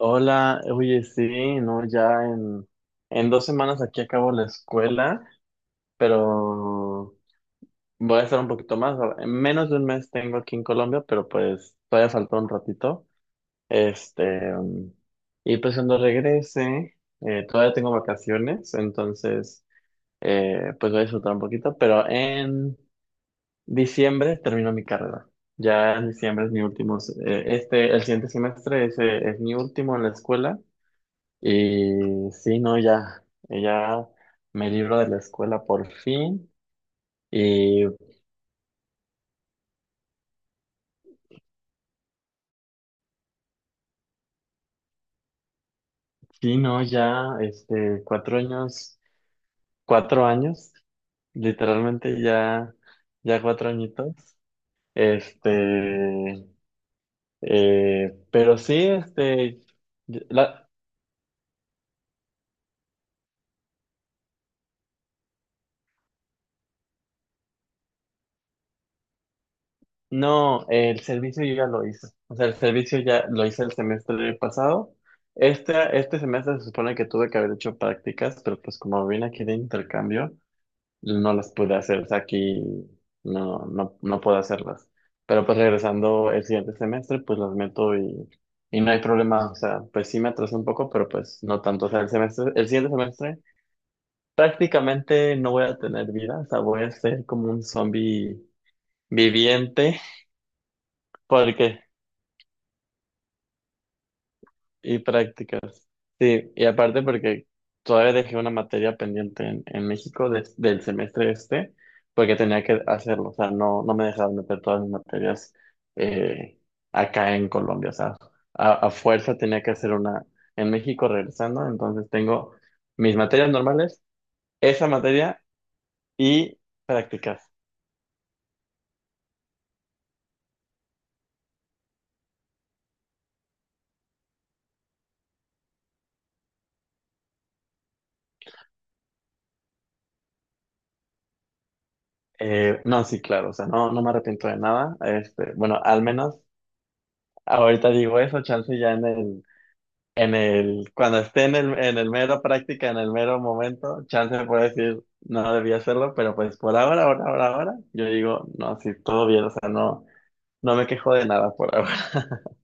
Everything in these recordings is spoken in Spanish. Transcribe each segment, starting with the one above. Hola, oye, sí, no, ya en 2 semanas aquí acabo la escuela, pero voy a estar un poquito más. En menos de un mes tengo aquí en Colombia, pero pues todavía faltó un ratito. Este, y pues cuando regrese, todavía tengo vacaciones, entonces pues voy a disfrutar un poquito, pero en diciembre termino mi carrera. Ya en diciembre es mi último, el siguiente semestre ese es mi último en la escuela. Y sí, no, ya, ya me libro de la escuela por fin. Y sí, no, ya, 4 años, 4 años, literalmente ya, ya 4 añitos. Este, pero sí, la, no, el servicio yo ya lo hice. O sea, el servicio ya lo hice el semestre pasado. Este semestre se supone que tuve que haber hecho prácticas, pero pues como vine aquí de intercambio, no las pude hacer, o sea, aquí no, no, no puedo hacerlas. Pero pues regresando el siguiente semestre, pues las meto y no hay problema, o sea, pues sí me atrasé un poco, pero pues no tanto, o sea, el siguiente semestre prácticamente no voy a tener vida, o sea, voy a ser como un zombie viviente, porque. Y prácticas. Sí, y aparte porque todavía dejé una materia pendiente en, México de del semestre este, porque tenía que hacerlo, o sea, no, no me dejaban meter todas mis materias eh, acá en Colombia, o sea, a, fuerza tenía que hacer una en México regresando, entonces tengo mis materias normales, esa materia y prácticas. No, sí, claro, o sea, no, no me arrepiento de nada, bueno, al menos ahorita digo eso, chance ya en el. Cuando esté en el mero práctica, en el mero momento, chance puede decir, no debía hacerlo, pero pues por ahora, yo digo, no, sí, todo bien, o sea, no, no me quejo de nada por ahora.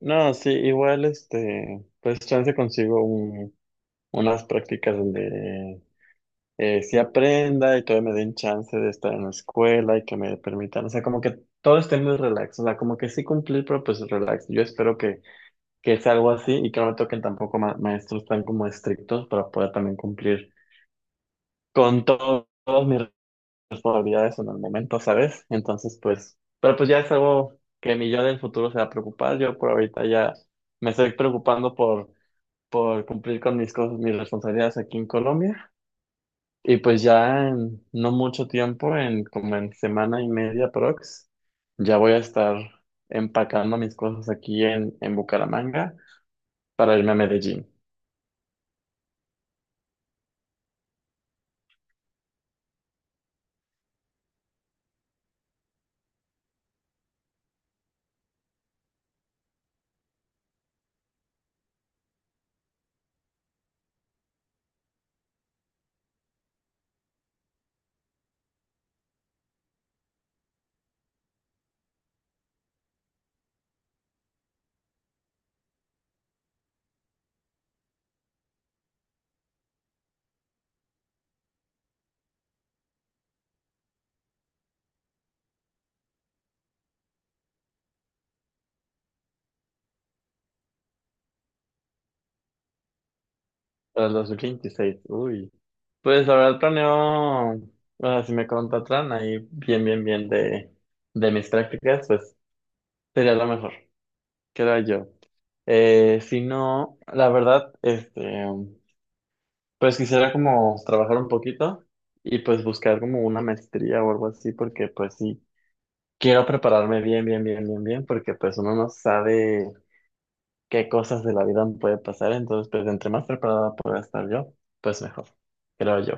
No, sí, igual, pues chance consigo unas prácticas donde sí aprenda y todavía me den chance de estar en la escuela y que me permitan, o sea, como que todo esté muy relax, o sea, como que sí cumplir, pero pues relax. Yo espero que es algo así y que no me toquen tampoco maestros tan como estrictos para poder también cumplir con todas mis responsabilidades en el momento, ¿sabes? Entonces, pues, pero pues ya es algo que mi yo del futuro se va a preocupar. Yo por ahorita ya me estoy preocupando por, cumplir con mis cosas, mis responsabilidades aquí en Colombia. Y pues ya en no mucho tiempo, en como en semana y media, ya voy a estar empacando mis cosas aquí en, Bucaramanga para irme a Medellín. Para el 2026, uy. Pues la verdad planeo, o sea, si me contratan ahí bien, bien, bien de mis prácticas, pues sería lo mejor, creo yo. Si no, la verdad, pues quisiera como trabajar un poquito y pues buscar como una maestría o algo así, porque pues sí, quiero prepararme bien, bien, bien, bien, bien, porque pues uno no sabe qué cosas de la vida puede pasar, entonces pues entre más preparada pueda estar yo, pues mejor, creo yo.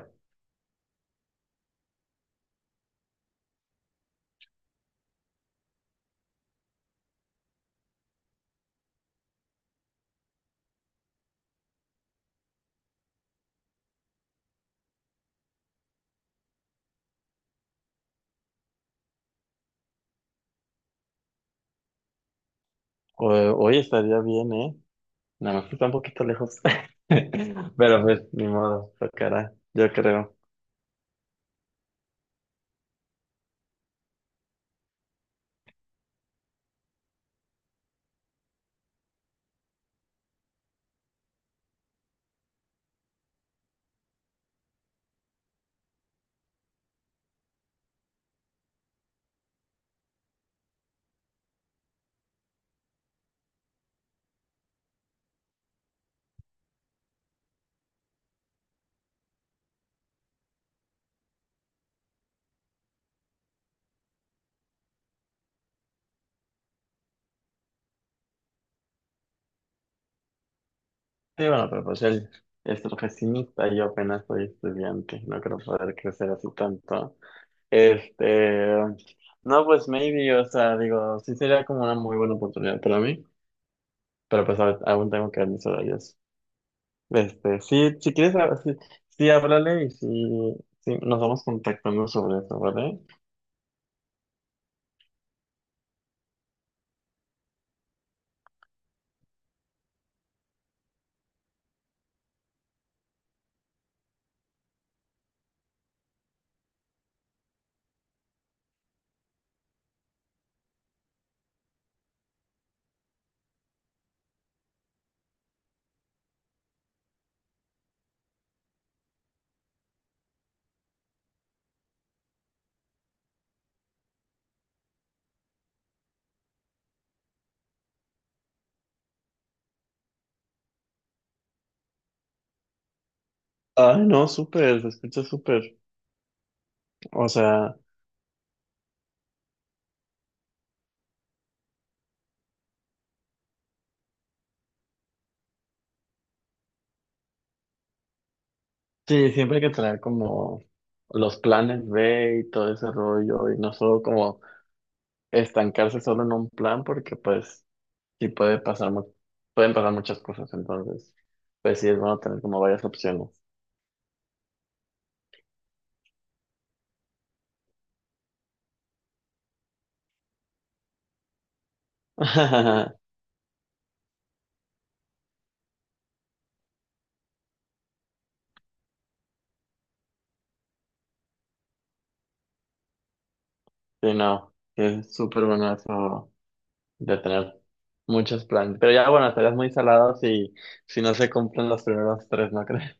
O- Hoy estaría bien, ¿eh? Nada más que está un poquito lejos. Pero pues, ni modo, tocará, yo creo. Sí, bueno, pero pues él es profesionista y yo apenas soy estudiante. No creo poder crecer así tanto. Este, no, pues maybe, o sea, digo, sí sería como una muy buena oportunidad para mí. Pero pues aún tengo que ver mis horarios. Sí, si quieres, ah, sí, sí, háblale y sí, sí, nos vamos contactando sobre eso, ¿vale? Ay, no, súper, se escucha súper. O sea, sí, siempre hay que traer como los planes B y todo ese rollo y no solo como estancarse solo en un plan porque pues sí puede pasar, pueden pasar muchas cosas, entonces pues sí es bueno tener como varias opciones. Sí, no, sí es súper bueno eso de tener muchos planes, pero ya bueno, estarías muy salado si, si no se cumplen los primeros tres, ¿no crees?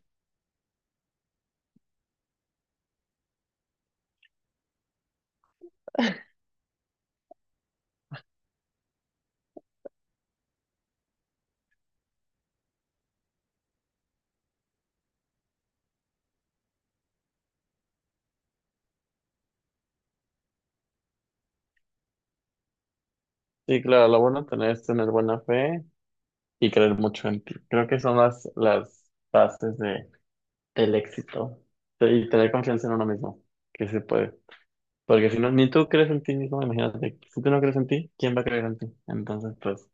Sí, claro, lo bueno tener es tener buena fe y creer mucho en ti. Creo que son las, bases de, del éxito y tener confianza en uno mismo, que se puede. Porque si no, ni tú crees en ti mismo, imagínate, si tú no crees en ti, ¿quién va a creer en ti? Entonces, pues,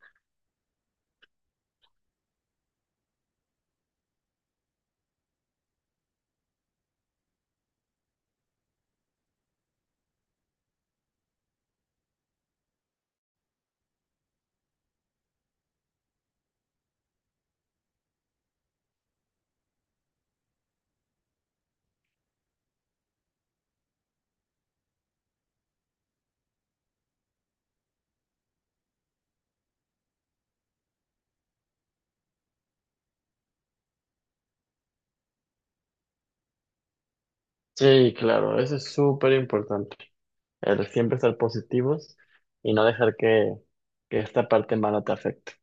sí, claro, eso es súper importante, el siempre ser positivos y no dejar que, esta parte mala te afecte.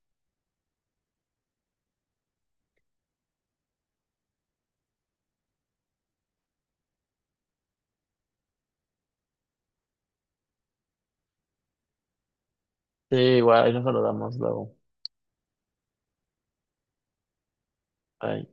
Sí, igual, ahí nos saludamos luego. Bye.